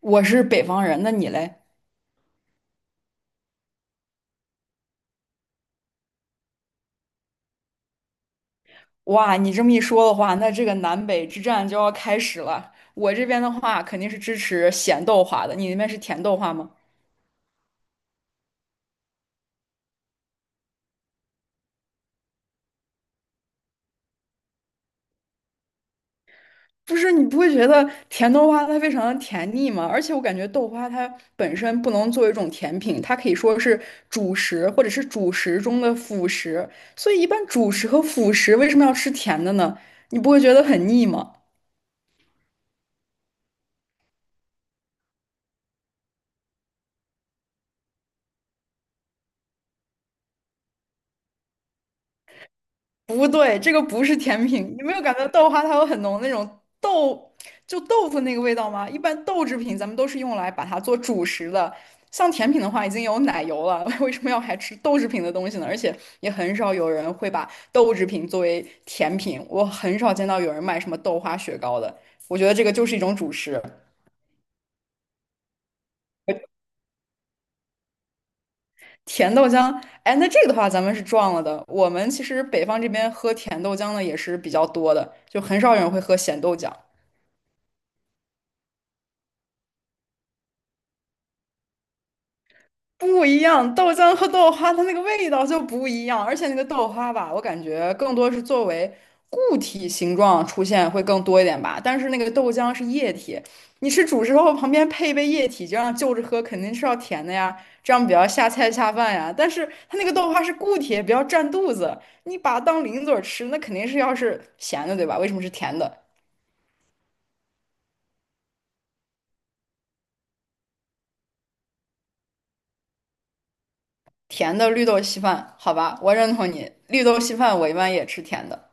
我是北方人，那你嘞？哇，你这么一说的话，那这个南北之战就要开始了。我这边的话肯定是支持咸豆花的，你那边是甜豆花吗？不是，你不会觉得甜豆花它非常的甜腻吗？而且我感觉豆花它本身不能作为一种甜品，它可以说是主食或者是主食中的辅食。所以一般主食和辅食为什么要吃甜的呢？你不会觉得很腻吗？不对，这个不是甜品。你没有感觉到豆花它有很浓那种豆，就豆腐那个味道吗？一般豆制品咱们都是用来把它做主食的，像甜品的话已经有奶油了，为什么要还吃豆制品的东西呢？而且也很少有人会把豆制品作为甜品，我很少见到有人卖什么豆花雪糕的。我觉得这个就是一种主食。甜豆浆，哎，那这个的话咱们是撞了的。我们其实北方这边喝甜豆浆的也是比较多的，就很少有人会喝咸豆浆。不一样，豆浆和豆花它那个味道就不一样，而且那个豆花吧，我感觉更多是作为固体形状出现会更多一点吧。但是那个豆浆是液体，你吃主食后旁边配一杯液体，这样就着喝肯定是要甜的呀，这样比较下菜下饭呀。但是它那个豆花是固体，比较占肚子，你把它当零嘴儿吃，那肯定是要是咸的，对吧？为什么是甜的？甜的绿豆稀饭，好吧，我认同你，绿豆稀饭我一般也吃甜的。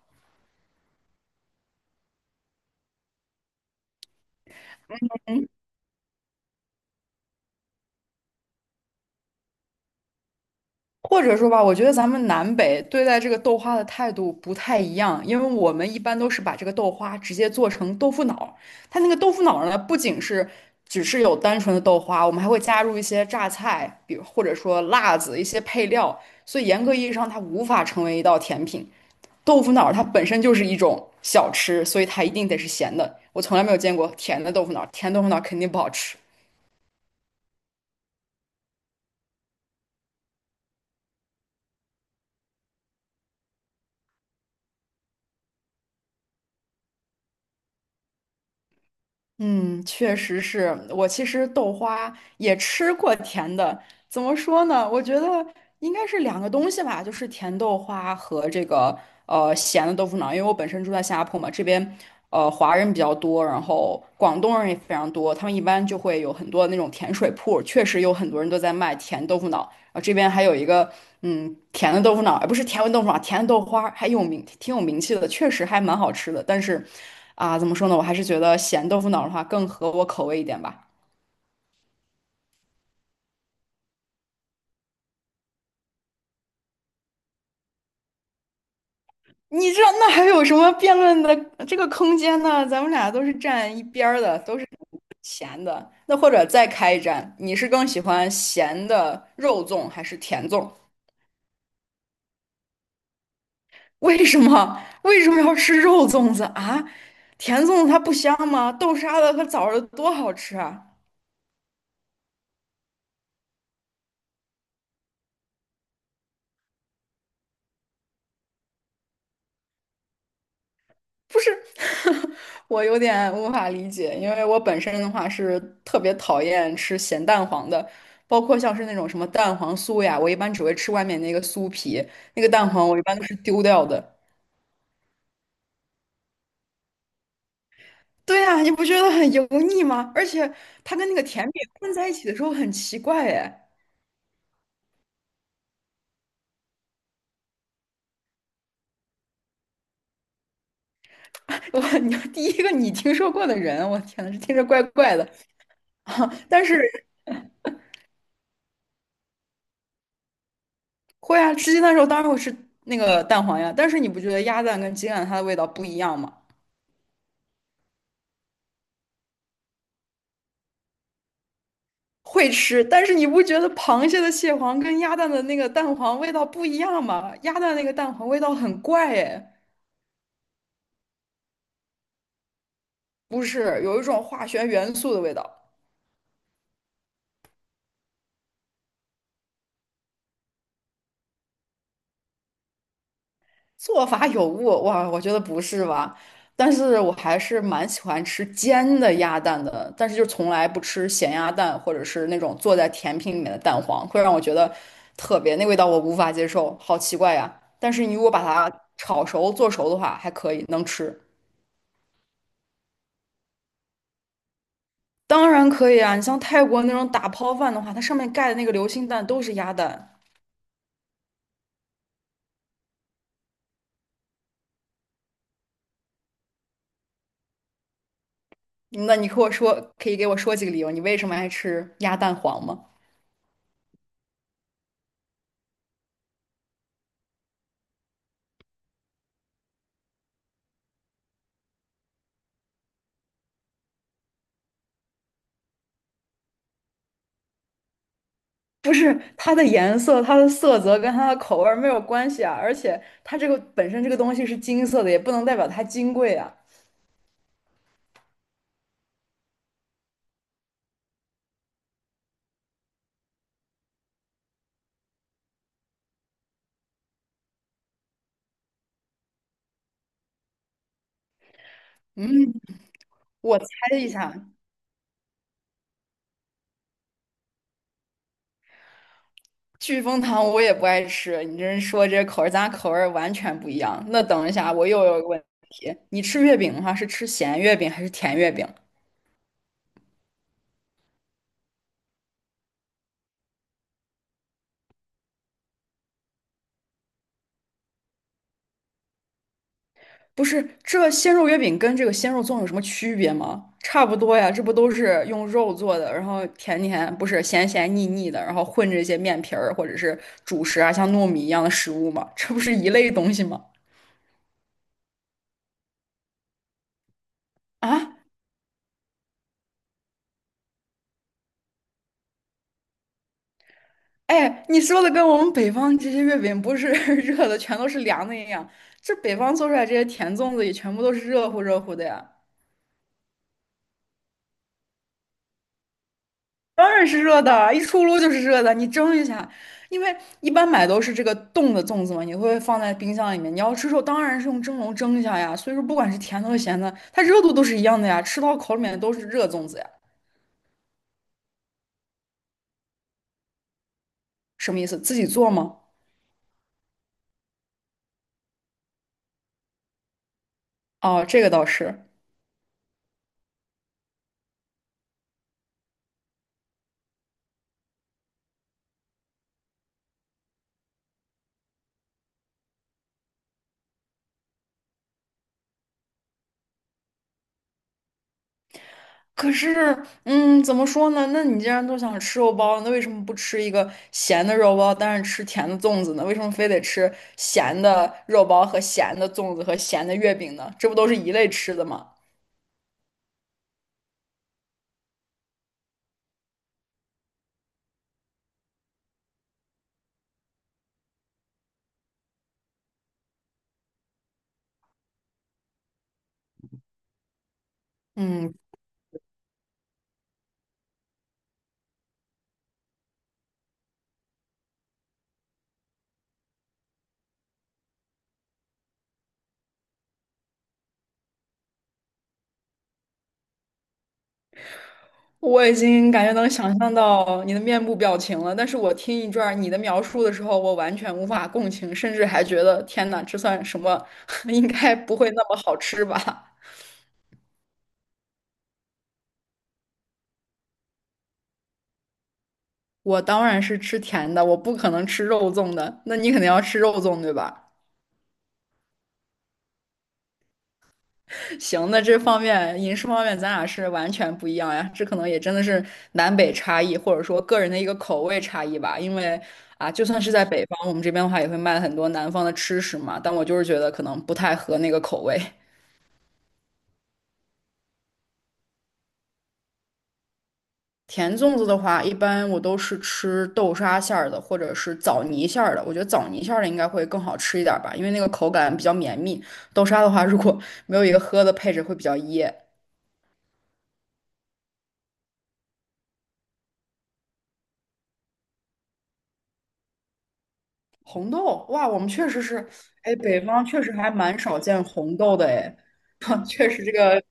或者说吧，我觉得咱们南北对待这个豆花的态度不太一样，因为我们一般都是把这个豆花直接做成豆腐脑，它那个豆腐脑呢，不仅是只是有单纯的豆花，我们还会加入一些榨菜，比如或者说辣子一些配料，所以严格意义上它无法成为一道甜品。豆腐脑它本身就是一种小吃，所以它一定得是咸的。我从来没有见过甜的豆腐脑，甜豆腐脑肯定不好吃。嗯，确实是我其实豆花也吃过甜的，怎么说呢？我觉得应该是两个东西吧，就是甜豆花和这个咸的豆腐脑。因为我本身住在新加坡嘛，这边华人比较多，然后广东人也非常多，他们一般就会有很多那种甜水铺，确实有很多人都在卖甜豆腐脑。啊，这边还有一个甜的豆腐脑，而不是甜味豆腐脑，甜的豆花还有名，挺有名气的，确实还蛮好吃的。但是啊，怎么说呢，我还是觉得咸豆腐脑的话更合我口味一点吧。你这那还有什么辩论的这个空间呢？咱们俩都是站一边儿的，都是咸的。那或者再开一战，你是更喜欢咸的肉粽还是甜粽？为什么？为什么要吃肉粽子啊？甜粽子它不香吗？豆沙的和枣儿的多好吃啊！我有点无法理解，因为我本身的话是特别讨厌吃咸蛋黄的，包括像是那种什么蛋黄酥呀，我一般只会吃外面那个酥皮，那个蛋黄我一般都是丢掉的。对呀，你不觉得很油腻吗？而且它跟那个甜品混在一起的时候很奇怪哎，我你第一个你听说过的人，我天呐，这听着怪怪的。啊，但是会啊，吃鸡蛋的时候当然会吃那个蛋黄呀，但是你不觉得鸭蛋跟鸡蛋它的味道不一样吗？会吃，但是你不觉得螃蟹的蟹黄跟鸭蛋的那个蛋黄味道不一样吗？鸭蛋那个蛋黄味道很怪哎，不是，有一种化学元素的味道，做法有误，哇，我觉得不是吧？但是我还是蛮喜欢吃煎的鸭蛋的，但是就从来不吃咸鸭蛋或者是那种做在甜品里面的蛋黄，会让我觉得特别，那味道我无法接受，好奇怪呀。但是你如果把它炒熟做熟的话，还可以，能吃。当然可以啊，你像泰国那种打抛饭的话，它上面盖的那个流心蛋都是鸭蛋。那你和我说，可以给我说几个理由，你为什么爱吃鸭蛋黄吗？不是它的颜色、它的色泽跟它的口味儿没有关系啊，而且它这个本身这个东西是金色的，也不能代表它金贵啊。我猜一下，聚丰堂我也不爱吃，你这人说这口味儿咱俩口味儿完全不一样。那等一下，我又有一个问题，你吃月饼的话是吃咸月饼还是甜月饼？不是，这鲜肉月饼跟这个鲜肉粽有什么区别吗？差不多呀，这不都是用肉做的，然后甜甜，不是咸咸腻腻的，然后混着一些面皮儿或者是主食啊，像糯米一样的食物吗？这不是一类东西吗？啊，哎，你说的跟我们北方这些月饼不是 热的，全都是凉的一样，这北方做出来这些甜粽子也全部都是热乎热乎的呀。当然是热的，一出炉就是热的。你蒸一下，因为一般买都是这个冻的粽子嘛，你会放在冰箱里面。你要吃肉，当然是用蒸笼蒸一下呀。所以说，不管是甜的和咸的，它热度都是一样的呀，吃到口里面都是热粽子呀。什么意思？自己做吗？哦，这个倒是。可是，怎么说呢？那你既然都想吃肉包那为什么不吃一个咸的肉包，但是吃甜的粽子呢？为什么非得吃咸的肉包和咸的粽子和咸的月饼呢？这不都是一类吃的吗？嗯，我已经感觉能想象到你的面部表情了，但是我听一段儿你的描述的时候，我完全无法共情，甚至还觉得天呐，这算什么？应该不会那么好吃吧？我当然是吃甜的，我不可能吃肉粽的。那你肯定要吃肉粽，对吧？行，那这方面饮食方面，咱俩是完全不一样呀。这可能也真的是南北差异，或者说个人的一个口味差异吧。因为啊，就算是在北方，我们这边的话也会卖很多南方的吃食嘛。但我就是觉得可能不太合那个口味。甜粽子的话，一般我都是吃豆沙馅儿的，或者是枣泥馅儿的。我觉得枣泥馅儿的应该会更好吃一点儿吧，因为那个口感比较绵密。豆沙的话，如果没有一个喝的配置，会比较噎。红豆，哇，我们确实是，哎，北方确实还蛮少见红豆的，哎，确实这个，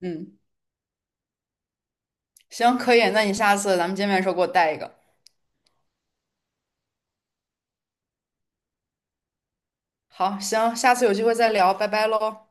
嗯，行，可以，那你下次咱们见面的时候给我带一个。好，行，下次有机会再聊，拜拜喽。